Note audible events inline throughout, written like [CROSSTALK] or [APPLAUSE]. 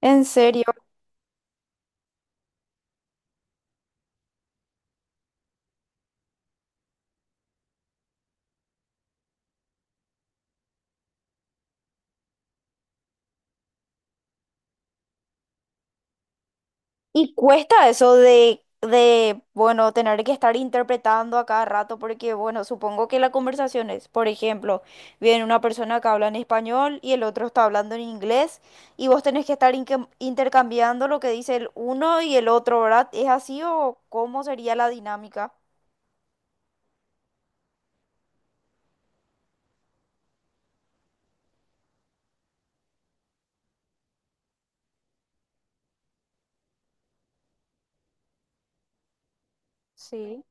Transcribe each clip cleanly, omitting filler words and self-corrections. En serio. Y cuesta eso bueno, tener que estar interpretando a cada rato, porque, bueno, supongo que la conversación es, por ejemplo, viene una persona que habla en español y el otro está hablando en inglés, y vos tenés que estar intercambiando lo que dice el uno y el otro, ¿verdad? ¿Es así o cómo sería la dinámica? Sí.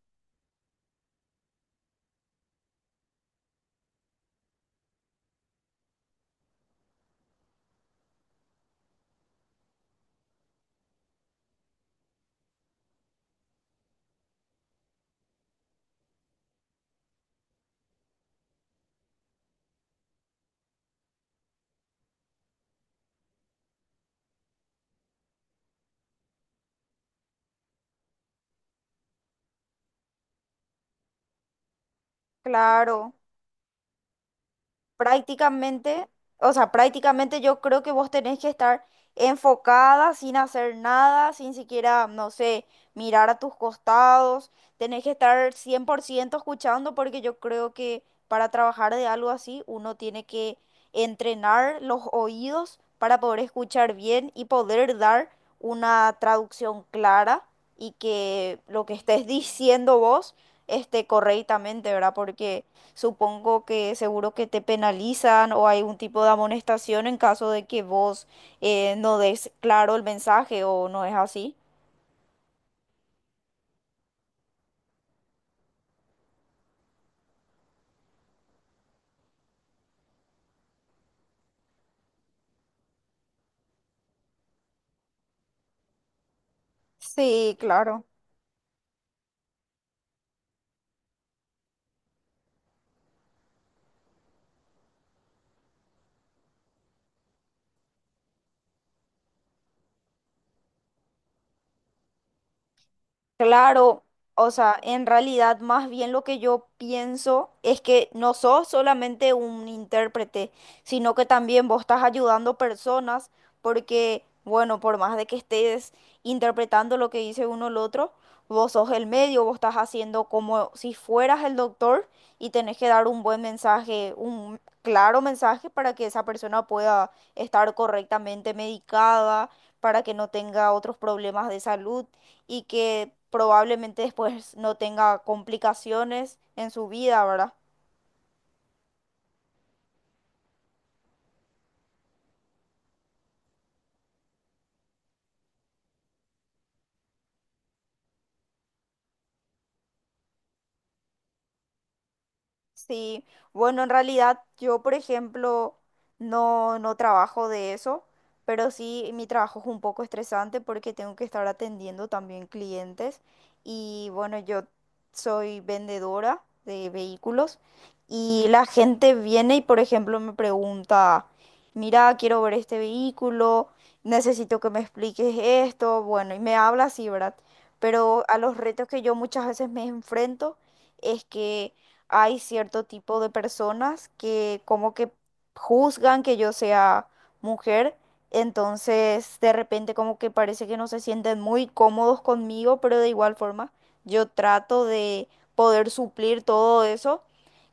Claro. Prácticamente, o sea, prácticamente yo creo que vos tenés que estar enfocada sin hacer nada, sin siquiera, no sé, mirar a tus costados, tenés que estar 100% escuchando porque yo creo que para trabajar de algo así uno tiene que entrenar los oídos para poder escuchar bien y poder dar una traducción clara y que lo que estés [LAUGHS] diciendo vos esté correctamente, ¿verdad? Porque supongo que seguro que te penalizan o hay un tipo de amonestación en caso de que vos no des claro el mensaje o no es así. Sí, claro. Claro, o sea, en realidad más bien lo que yo pienso es que no sos solamente un intérprete, sino que también vos estás ayudando personas porque, bueno, por más de que estés interpretando lo que dice uno el otro, vos sos el medio, vos estás haciendo como si fueras el doctor y tenés que dar un buen mensaje, un claro mensaje para que esa persona pueda estar correctamente medicada, para que no tenga otros problemas de salud y que probablemente después no tenga complicaciones en su vida, ¿verdad? Sí, bueno, en realidad yo, por ejemplo, no trabajo de eso, pero sí mi trabajo es un poco estresante porque tengo que estar atendiendo también clientes y bueno, yo soy vendedora de vehículos y la gente viene y, por ejemplo, me pregunta, mira, quiero ver este vehículo, necesito que me expliques esto, bueno, y me habla así, ¿verdad? Pero a los retos que yo muchas veces me enfrento es que hay cierto tipo de personas que como que juzgan que yo sea mujer, entonces de repente como que parece que no se sienten muy cómodos conmigo, pero de igual forma yo trato de poder suplir todo eso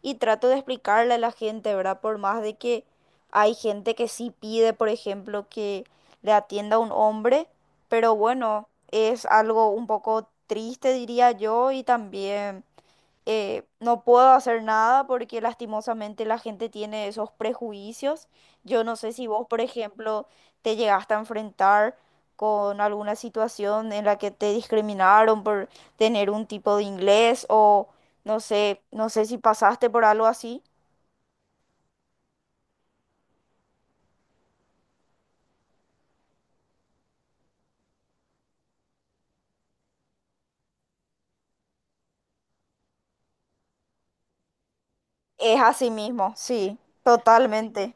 y trato de explicarle a la gente, ¿verdad? Por más de que hay gente que sí pide, por ejemplo, que le atienda a un hombre, pero bueno, es algo un poco triste, diría yo, y también no puedo hacer nada porque lastimosamente la gente tiene esos prejuicios. Yo no sé si vos, por ejemplo, te llegaste a enfrentar con alguna situación en la que te discriminaron por tener un tipo de inglés o no sé, no sé si pasaste por algo así. Es así mismo, sí, totalmente.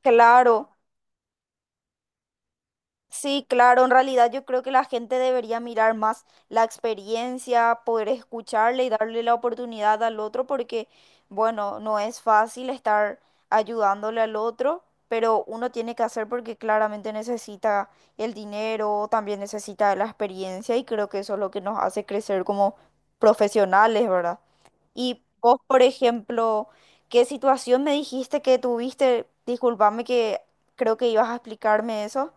Claro. Sí, claro, en realidad yo creo que la gente debería mirar más la experiencia, poder escucharle y darle la oportunidad al otro porque, bueno, no es fácil estar ayudándole al otro, pero uno tiene que hacer porque claramente necesita el dinero, también necesita la experiencia y creo que eso es lo que nos hace crecer como profesionales, ¿verdad? Y vos, por ejemplo, ¿qué situación me dijiste que tuviste? Disculpame que creo que ibas a explicarme eso.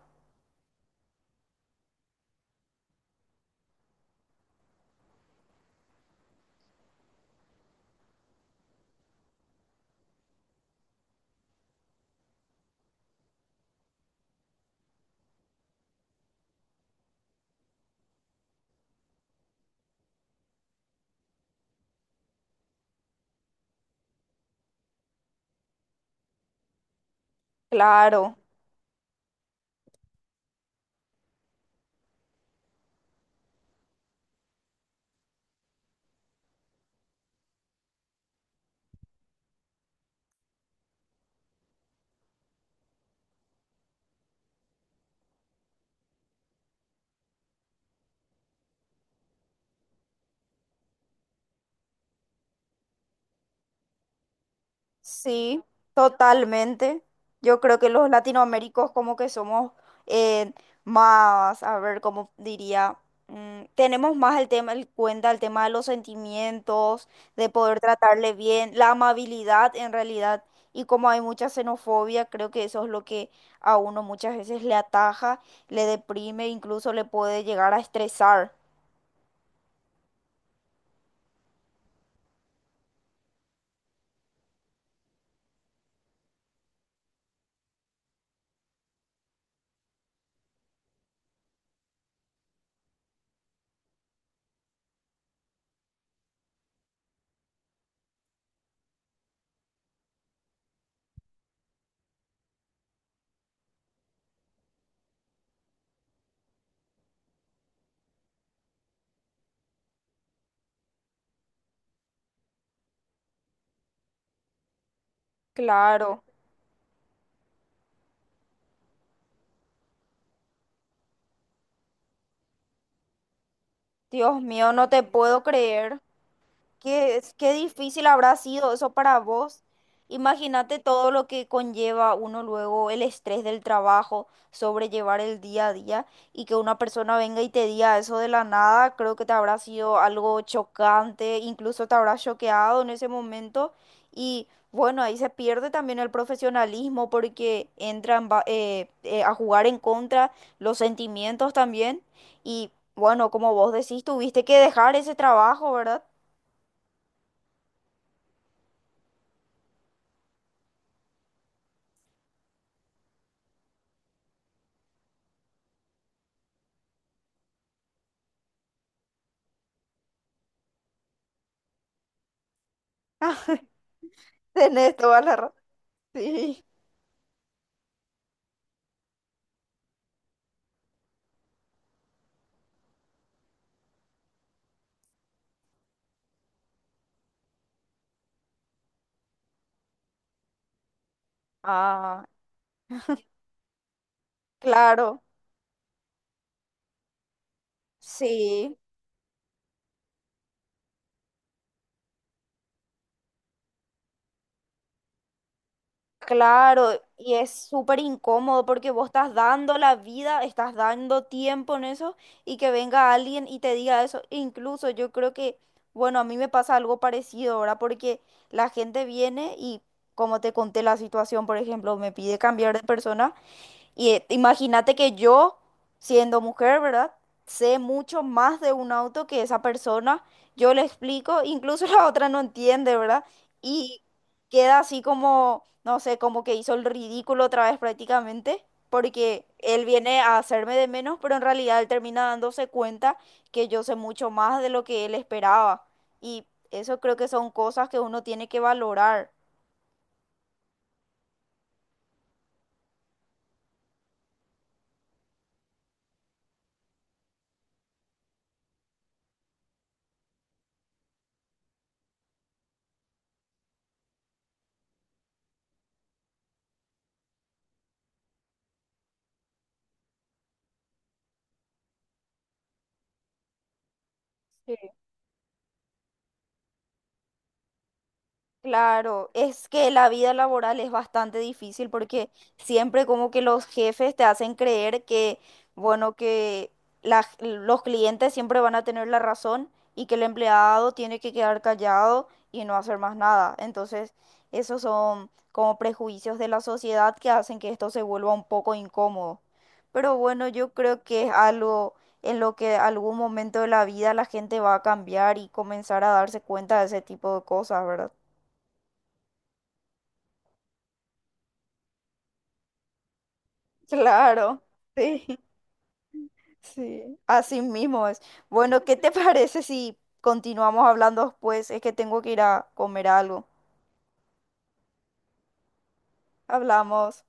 Claro, sí, totalmente. Yo creo que los latinoaméricos como que somos eh, más, a ver, cómo diría, mm, tenemos más el tema, el cuenta, el tema de los sentimientos, de poder tratarle bien, la amabilidad en realidad. Y como hay mucha xenofobia, creo que eso es lo que a uno muchas veces le ataja, le deprime, incluso le puede llegar a estresar. Claro, Dios mío, no te puedo creer. Qué, qué difícil habrá sido eso para vos. Imagínate todo lo que conlleva uno luego el estrés del trabajo, sobrellevar el día a día y que una persona venga y te diga eso de la nada, creo que te habrá sido algo chocante, incluso te habrá choqueado en ese momento y bueno, ahí se pierde también el profesionalismo porque entran a jugar en contra los sentimientos también y bueno, como vos decís, tuviste que dejar ese trabajo, ¿verdad? [LAUGHS] [LAUGHS] Tenés toda la razón. Sí. Ah, claro. Sí, claro. Y es súper incómodo porque vos estás dando la vida, estás dando tiempo en eso y que venga alguien y te diga eso. Incluso yo creo que, bueno, a mí me pasa algo parecido ahora porque la gente viene y, como te conté la situación, por ejemplo, me pide cambiar de persona. Y imagínate que yo, siendo mujer, ¿verdad? Sé mucho más de un auto que esa persona. Yo le explico, incluso [LAUGHS] la otra no entiende, ¿verdad? Y queda así como, no sé, como que hizo el ridículo otra vez prácticamente, porque él viene a hacerme de menos, pero en realidad él termina dándose cuenta que yo sé mucho más de lo que él esperaba. Y eso creo que son cosas que uno tiene que valorar. Claro, es que la vida laboral es bastante difícil porque siempre como que los jefes te hacen creer que, bueno, que la los clientes siempre van a tener la razón y que el empleado tiene que quedar callado y no hacer más nada. Entonces, esos son como prejuicios de la sociedad que hacen que esto se vuelva un poco incómodo. Pero bueno, yo creo que es algo en lo que algún momento de la vida la gente va a cambiar y comenzar a darse cuenta de ese tipo de cosas, ¿verdad? Claro, sí, sí, así mismo es. Bueno, ¿qué te parece si continuamos hablando después? Es que tengo que ir a comer algo. Hablamos.